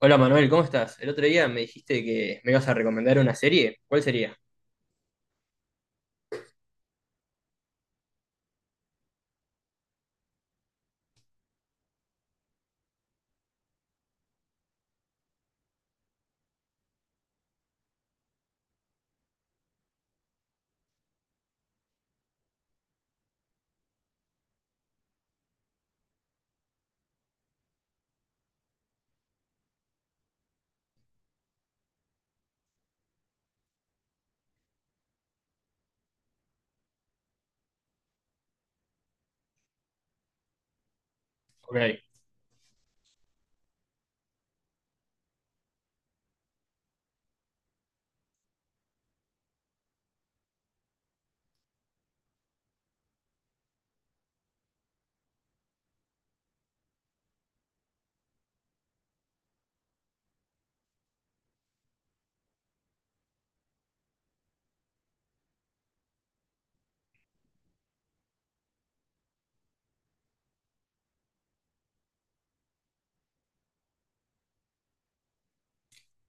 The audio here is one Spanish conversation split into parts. Hola Manuel, ¿cómo estás? El otro día me dijiste que me ibas a recomendar una serie. ¿Cuál sería? Ok,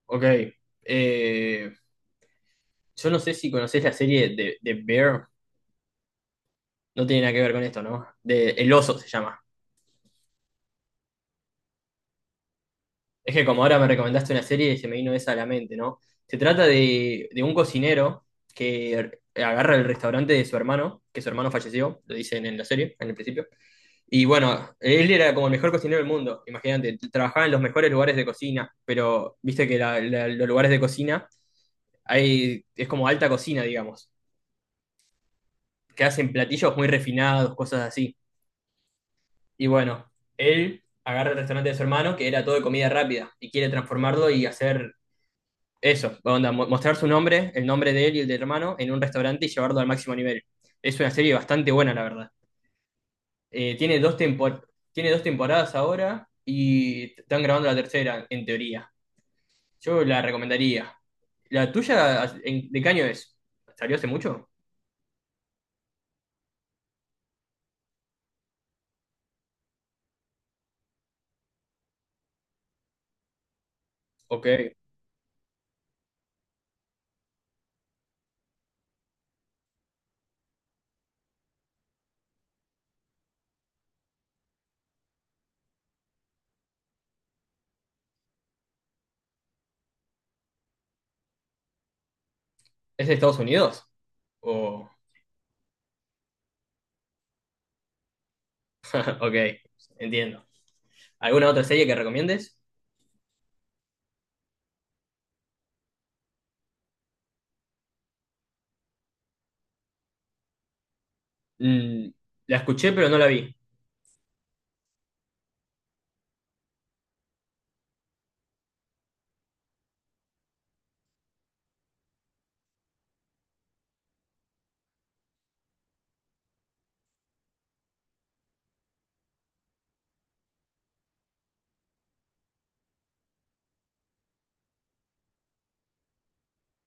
ok. Eh, yo no sé si conocés la serie de Bear. No tiene nada que ver con esto, ¿no? De El Oso se llama. Es que como ahora me recomendaste una serie, se me vino esa a la mente, ¿no? Se trata de un cocinero que agarra el restaurante de su hermano, que su hermano falleció, lo dicen en la serie, en el principio. Y bueno, él era como el mejor cocinero del mundo, imagínate, trabajaba en los mejores lugares de cocina, pero viste que los lugares de cocina hay, es como alta cocina, digamos, que hacen platillos muy refinados, cosas así. Y bueno, él agarra el restaurante de su hermano, que era todo de comida rápida, y quiere transformarlo y hacer eso, onda, mostrar su nombre, el nombre de él y el del hermano, en un restaurante y llevarlo al máximo nivel. Es una serie bastante buena, la verdad. Tiene dos temporadas ahora y están grabando la tercera, en teoría. Yo la recomendaría. ¿La tuya de qué año es? ¿Salió hace mucho? Ok. ¿Es de Estados Unidos? O... Ok, entiendo. ¿Alguna otra serie que recomiendes? Mm, la escuché, pero no la vi.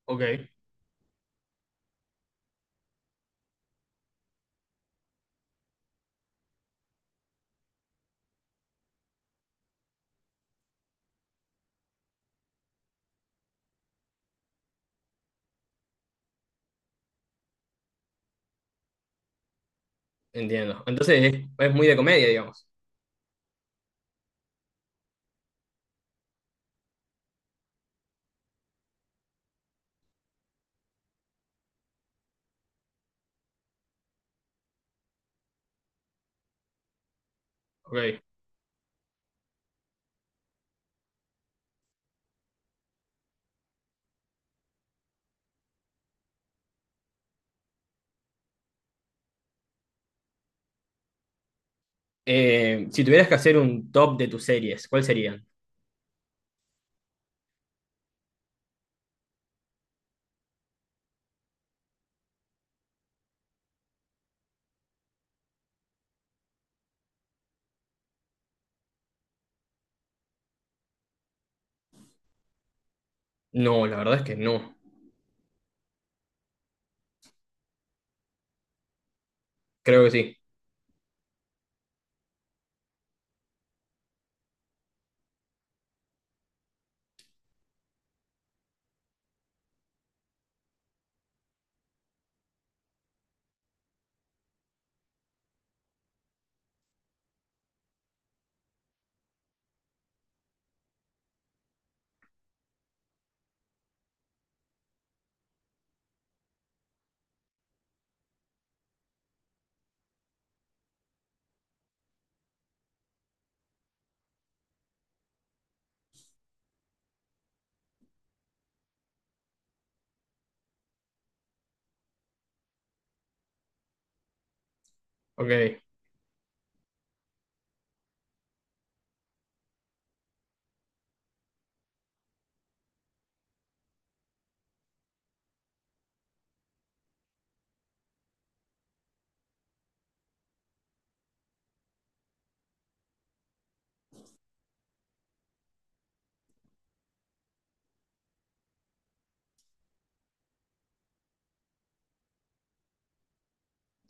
Ok, entiendo. Entonces es, muy de comedia, digamos. Ok. Si tuvieras que hacer un top de tus series, ¿cuáles serían? No, la verdad es que no. Creo que sí. Ok,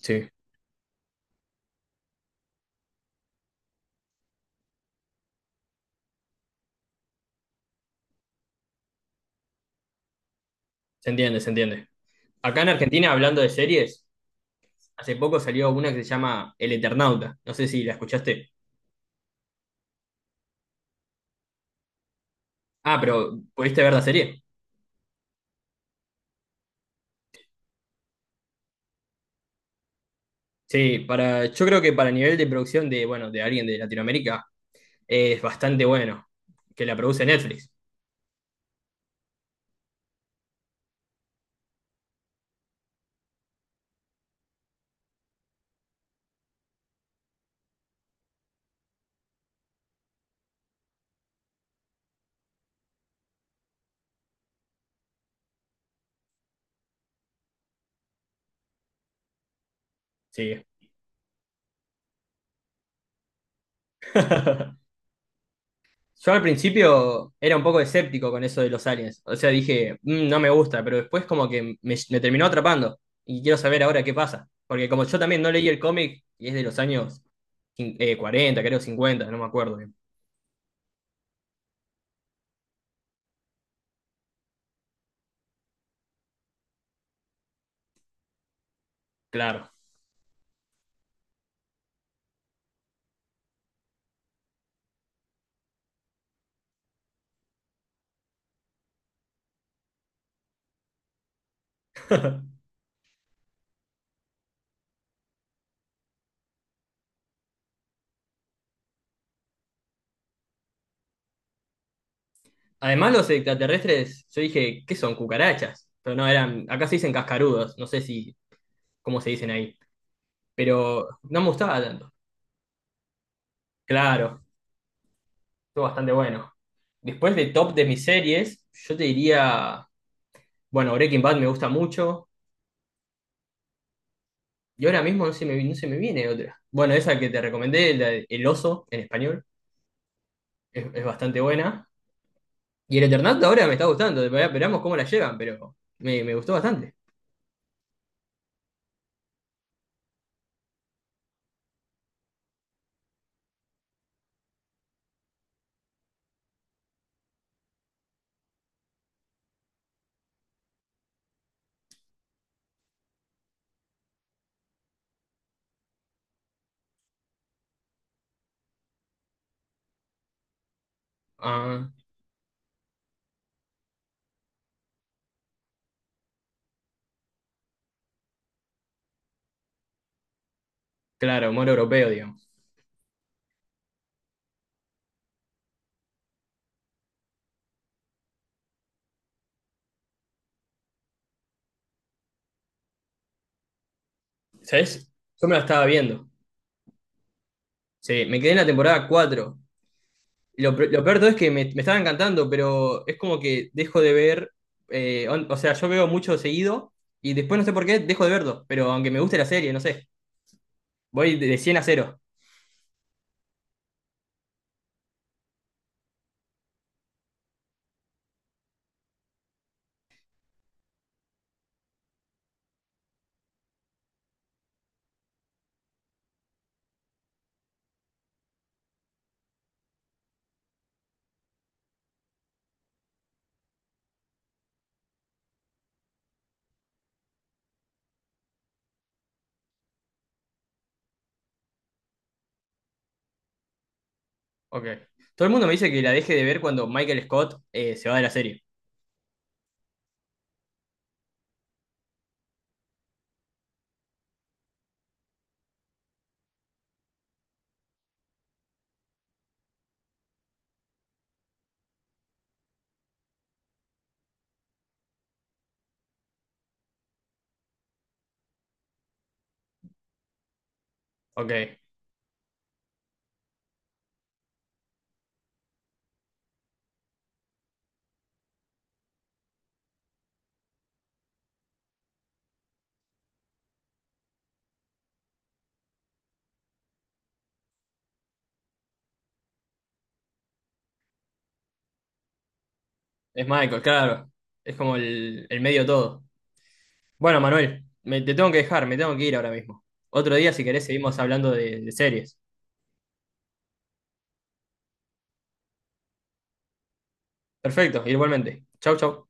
sí. Se entiende, se entiende. Acá en Argentina, hablando de series, hace poco salió una que se llama El Eternauta. No sé si la escuchaste. Ah, pero ¿pudiste ver la serie? Sí, para, yo creo que para nivel de producción de, bueno, de alguien de Latinoamérica, es bastante bueno que la produce Netflix. Sí. Yo al principio era un poco escéptico con eso de los aliens. O sea, dije, "Mm, no me gusta, pero después como que me terminó atrapando. Y quiero saber ahora qué pasa. Porque como yo también no leí el cómic, y es de los años 40, creo, 50, no me acuerdo bien. Claro. Además los extraterrestres, yo dije, ¿qué son? Cucarachas. Pero no, eran, acá se dicen cascarudos, no sé si cómo se dicen ahí. Pero no me gustaba tanto. Claro, estuvo bastante bueno. Después de top de mis series, yo te diría, bueno, Breaking Bad me gusta mucho. Y ahora mismo no se me viene otra. Bueno, esa que te recomendé, la de El Oso, en español, es, bastante buena. Y el Eternauta ahora me está gustando, esperamos cómo la llevan, pero me gustó bastante. Ah, claro, humor europeo, digamos. ¿Sabes? Yo me la estaba viendo. Sí, me quedé en la temporada cuatro. Lo peor de todo es que me estaba encantando, pero es como que dejo de ver, o sea, yo veo mucho seguido y después no sé por qué dejo de verlo, pero aunque me guste la serie, no sé, voy de 100 a 0. Ok. Todo el mundo me dice que la deje de ver cuando Michael Scott se va de la serie. Ok. Es Michael, claro. Es como el medio todo. Bueno, Manuel, te tengo que dejar, me tengo que ir ahora mismo. Otro día, si querés, seguimos hablando de series. Perfecto, igualmente. Chau, chau.